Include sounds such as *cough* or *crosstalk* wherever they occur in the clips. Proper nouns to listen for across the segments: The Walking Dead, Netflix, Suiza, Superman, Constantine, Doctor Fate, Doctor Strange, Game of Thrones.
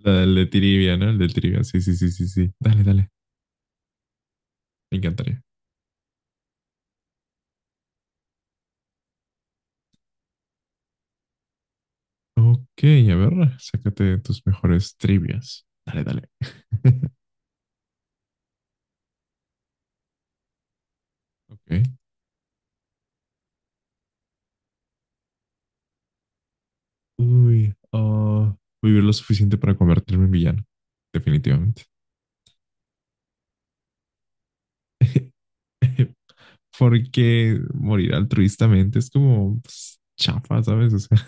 La, el de trivia, ¿no? El de trivia. Sí, sí, sí, sí, sí. Dale, dale. Me encantaría. Ok, a ver, sácate tus mejores trivias. Dale, dale. *laughs* Ok. Uy, ah, vivir lo suficiente para convertirme en villano. Definitivamente. *laughs* Porque morir altruistamente es como pues, chafa, ¿sabes? O sea,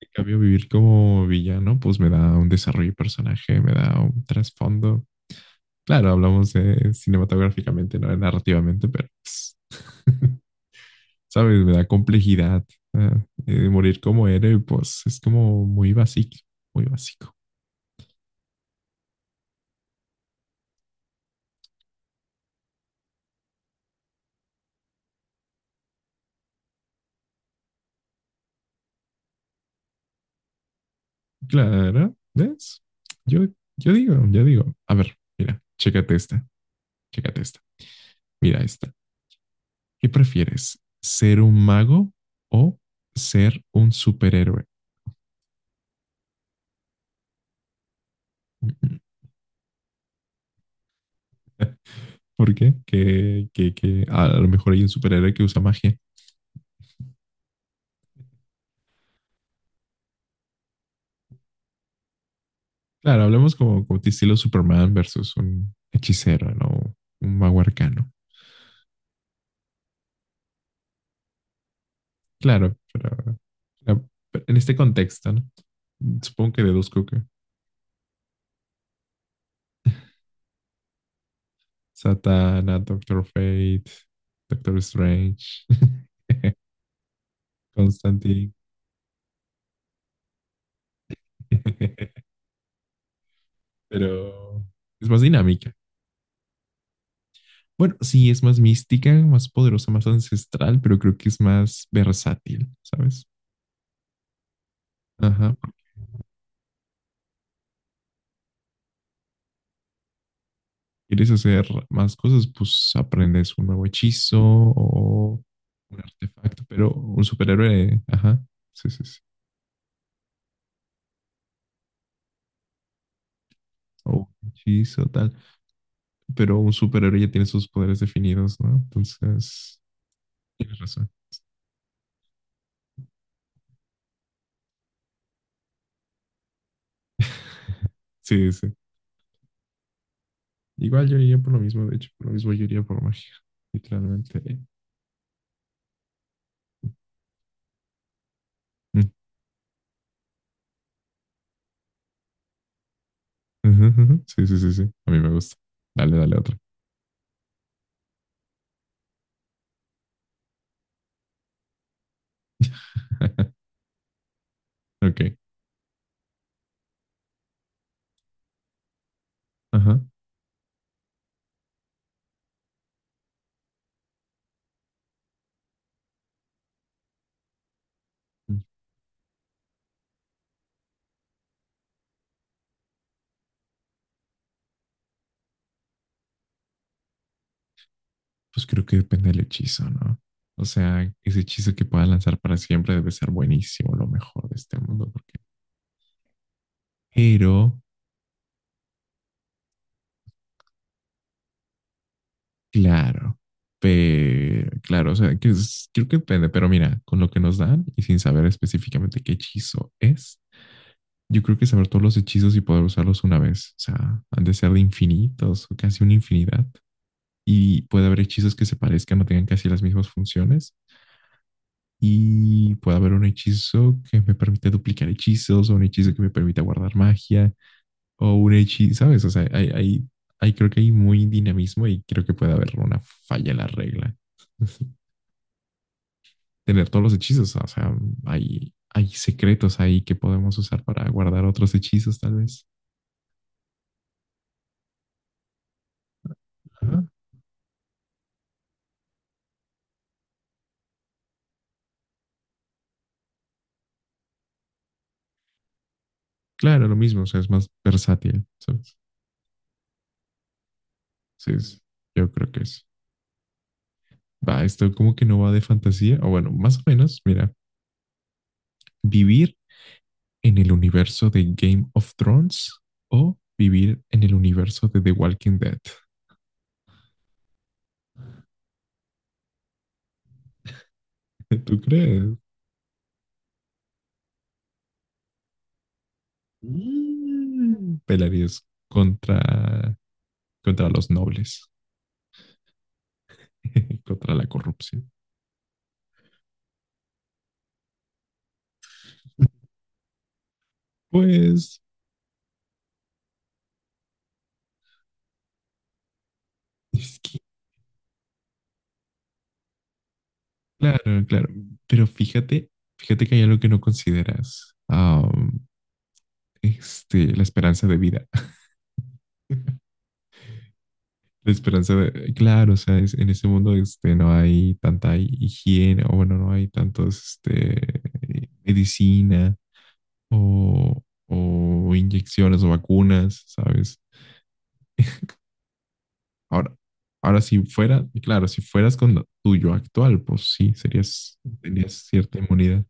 en cambio, vivir como villano, pues me da un desarrollo de personaje, me da un trasfondo. Claro, hablamos cinematográficamente, no narrativamente, pero pues, *laughs* ¿sabes? Me da complejidad. Morir como héroe, pues es como muy básico, muy básico. Claro, ¿ves? Yo, yo digo, a ver, mira, chécate esta, mira esta. ¿Qué prefieres? ¿Ser un mago o ser un superhéroe? *laughs* ¿Por qué? Que a lo mejor hay un superhéroe que usa magia. Claro, hablemos como de estilo Superman versus un hechicero, ¿no? Un mago arcano. Claro, pero en este contexto, ¿no? Supongo que deduzco que Satana, Doctor Fate, Doctor Strange, *laughs* Constantine. *laughs* Pero es más dinámica. Bueno, sí, es más mística, más poderosa, más ancestral, pero creo que es más versátil, ¿sabes? Ajá. ¿Quieres hacer más cosas? Pues aprendes un nuevo hechizo o un artefacto, pero un superhéroe, ajá, sí, sí, sí, o un hechizo, tal. Pero un superhéroe ya tiene sus poderes definidos, ¿no? Entonces, tienes razón. *laughs* Sí, sí. Igual yo iría por lo mismo, de hecho, por lo mismo yo iría por magia, literalmente. Mm. Ujú, ujú. Sí, sí, sí, sí. A mí me gusta. Dale, dale otra. *laughs* Ok. Ajá. Pues creo que depende del hechizo, ¿no? O sea, ese hechizo que pueda lanzar para siempre debe ser buenísimo, lo mejor de este mundo, porque... Pero, claro, pero, claro, o sea, que es... creo que depende, pero mira, con lo que nos dan y sin saber específicamente qué hechizo es, yo creo que saber todos los hechizos y poder usarlos una vez, o sea, han de ser de infinitos o casi una infinidad. Y puede haber hechizos que se parezcan o tengan casi las mismas funciones y puede haber un hechizo que me permite duplicar hechizos o un hechizo que me permita guardar magia o un hechizo, ¿sabes? O sea, hay creo que hay muy dinamismo y creo que puede haber una falla en la regla. *laughs* Tener todos los hechizos, o sea, hay secretos ahí que podemos usar para guardar otros hechizos tal vez. Ajá. Claro, lo mismo, o sea, es más versátil, ¿sabes? Sí, es, yo creo que es. Va, esto como que no va de fantasía, o bueno, más o menos, mira, vivir en el universo de Game of Thrones o vivir en el universo de The Walking Dead. *laughs* ¿Tú crees? Mm. Pelarías contra, contra los nobles, *laughs* contra la corrupción. Pues, es que, claro, claro. Pero fíjate, fíjate que hay algo que no consideras. La esperanza de vida. *laughs* La esperanza de, claro, o sea, es... en ese mundo este, no hay tanta higiene, o bueno, no hay tantos este, medicina o, o inyecciones o vacunas, ¿sabes? Ahora, Ahora si fuera, y claro, si fueras con lo tuyo actual, pues sí, serías, tenías cierta inmunidad,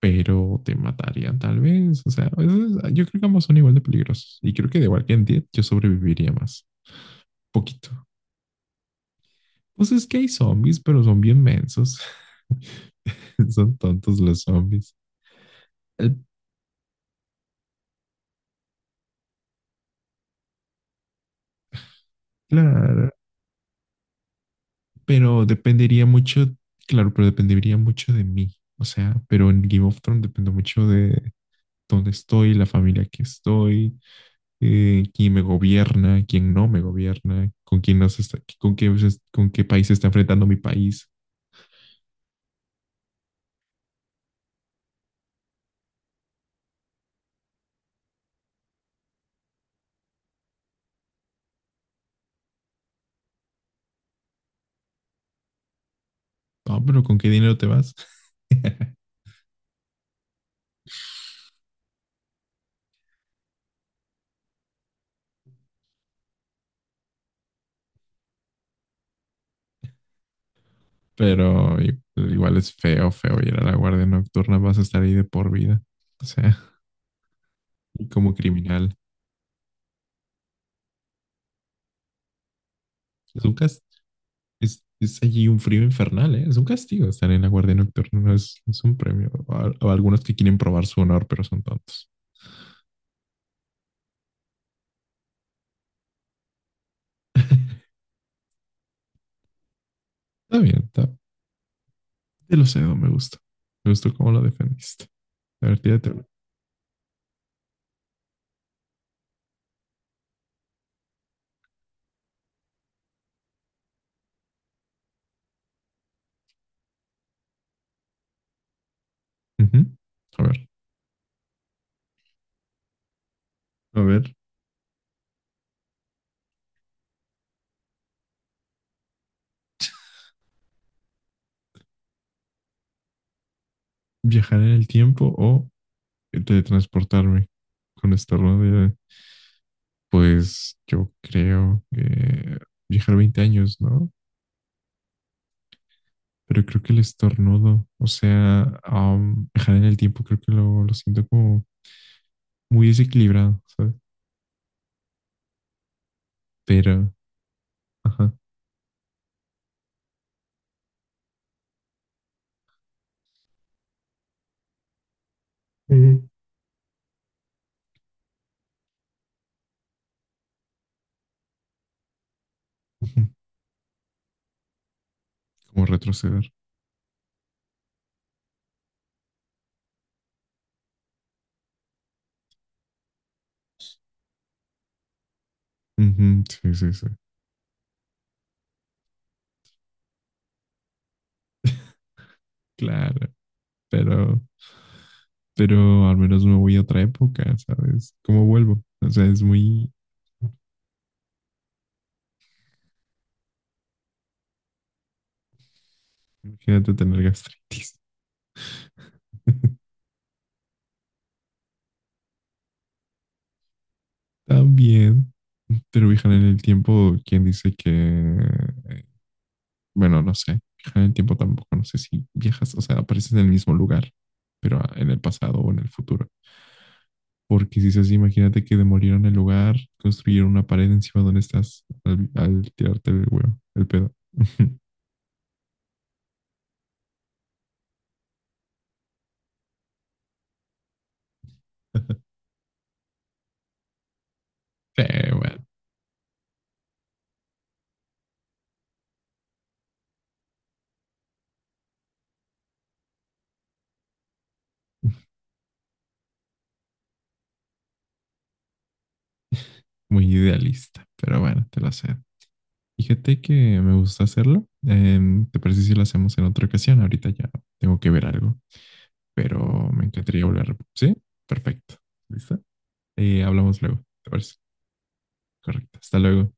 pero te matarían tal vez, o sea, eso es... yo creo que ambos son igual de peligrosos y creo que de igual que en 10 yo sobreviviría más, poquito. Pues es que hay zombies, pero son bien mensos. *laughs* Son tontos los zombies. El- Claro, pero dependería mucho, claro, pero dependería mucho de mí. O sea, pero en Game of Thrones depende mucho de dónde estoy, la familia que estoy, quién me gobierna, quién no me gobierna, con quién nos está, con qué, pues, con qué país se está enfrentando mi país. No, pero ¿con qué dinero te vas? *laughs* Pero igual es feo, feo ir a la guardia nocturna, vas a estar ahí de por vida. O sea, y como criminal. Lucas, es allí un frío infernal, ¿eh? Es un castigo estar en la guardia nocturna, no es, no es un premio. A... a algunos que quieren probar su honor, pero son tontos. *laughs* Está bien, está. Te lo cedo, me gusta. Me gustó cómo lo defendiste. A ver, tírate una. Ujú. A ver, a ver, viajar en el tiempo o teletransportarme con esta rodilla. Pues yo creo que viajar 20 años, ¿no? Pero creo que el estornudo, o sea, viajar en el tiempo, creo que lo siento como muy desequilibrado, ¿sabes? Pero, ajá, ujú. Ujú, como retroceder. Ujú, sí, sí, sí, claro, pero, pero al menos me voy a otra época, ¿sabes? ¿Cómo vuelvo? O sea, es muy... imagínate tener gastritis *laughs* también. Pero viajar en el tiempo, ¿quién dice que, bueno, no sé, viajar en el tiempo tampoco, no sé si viajas, o sea, apareces en el mismo lugar, pero en el pasado o en el futuro. Porque si es así, imagínate que demolieron el lugar, construyeron una pared encima donde estás al, al tirarte el huevo, el pedo. *laughs* Sí, bueno, muy idealista, pero bueno, te lo cedo. Fíjate que me gusta hacerlo. ¿Te parece si lo hacemos en otra ocasión? Ahorita ya tengo que ver algo, pero me encantaría volver. ¿Sí? Perfecto. ¿Listo? Hablamos luego, ¿te parece? Correcto. Hasta luego.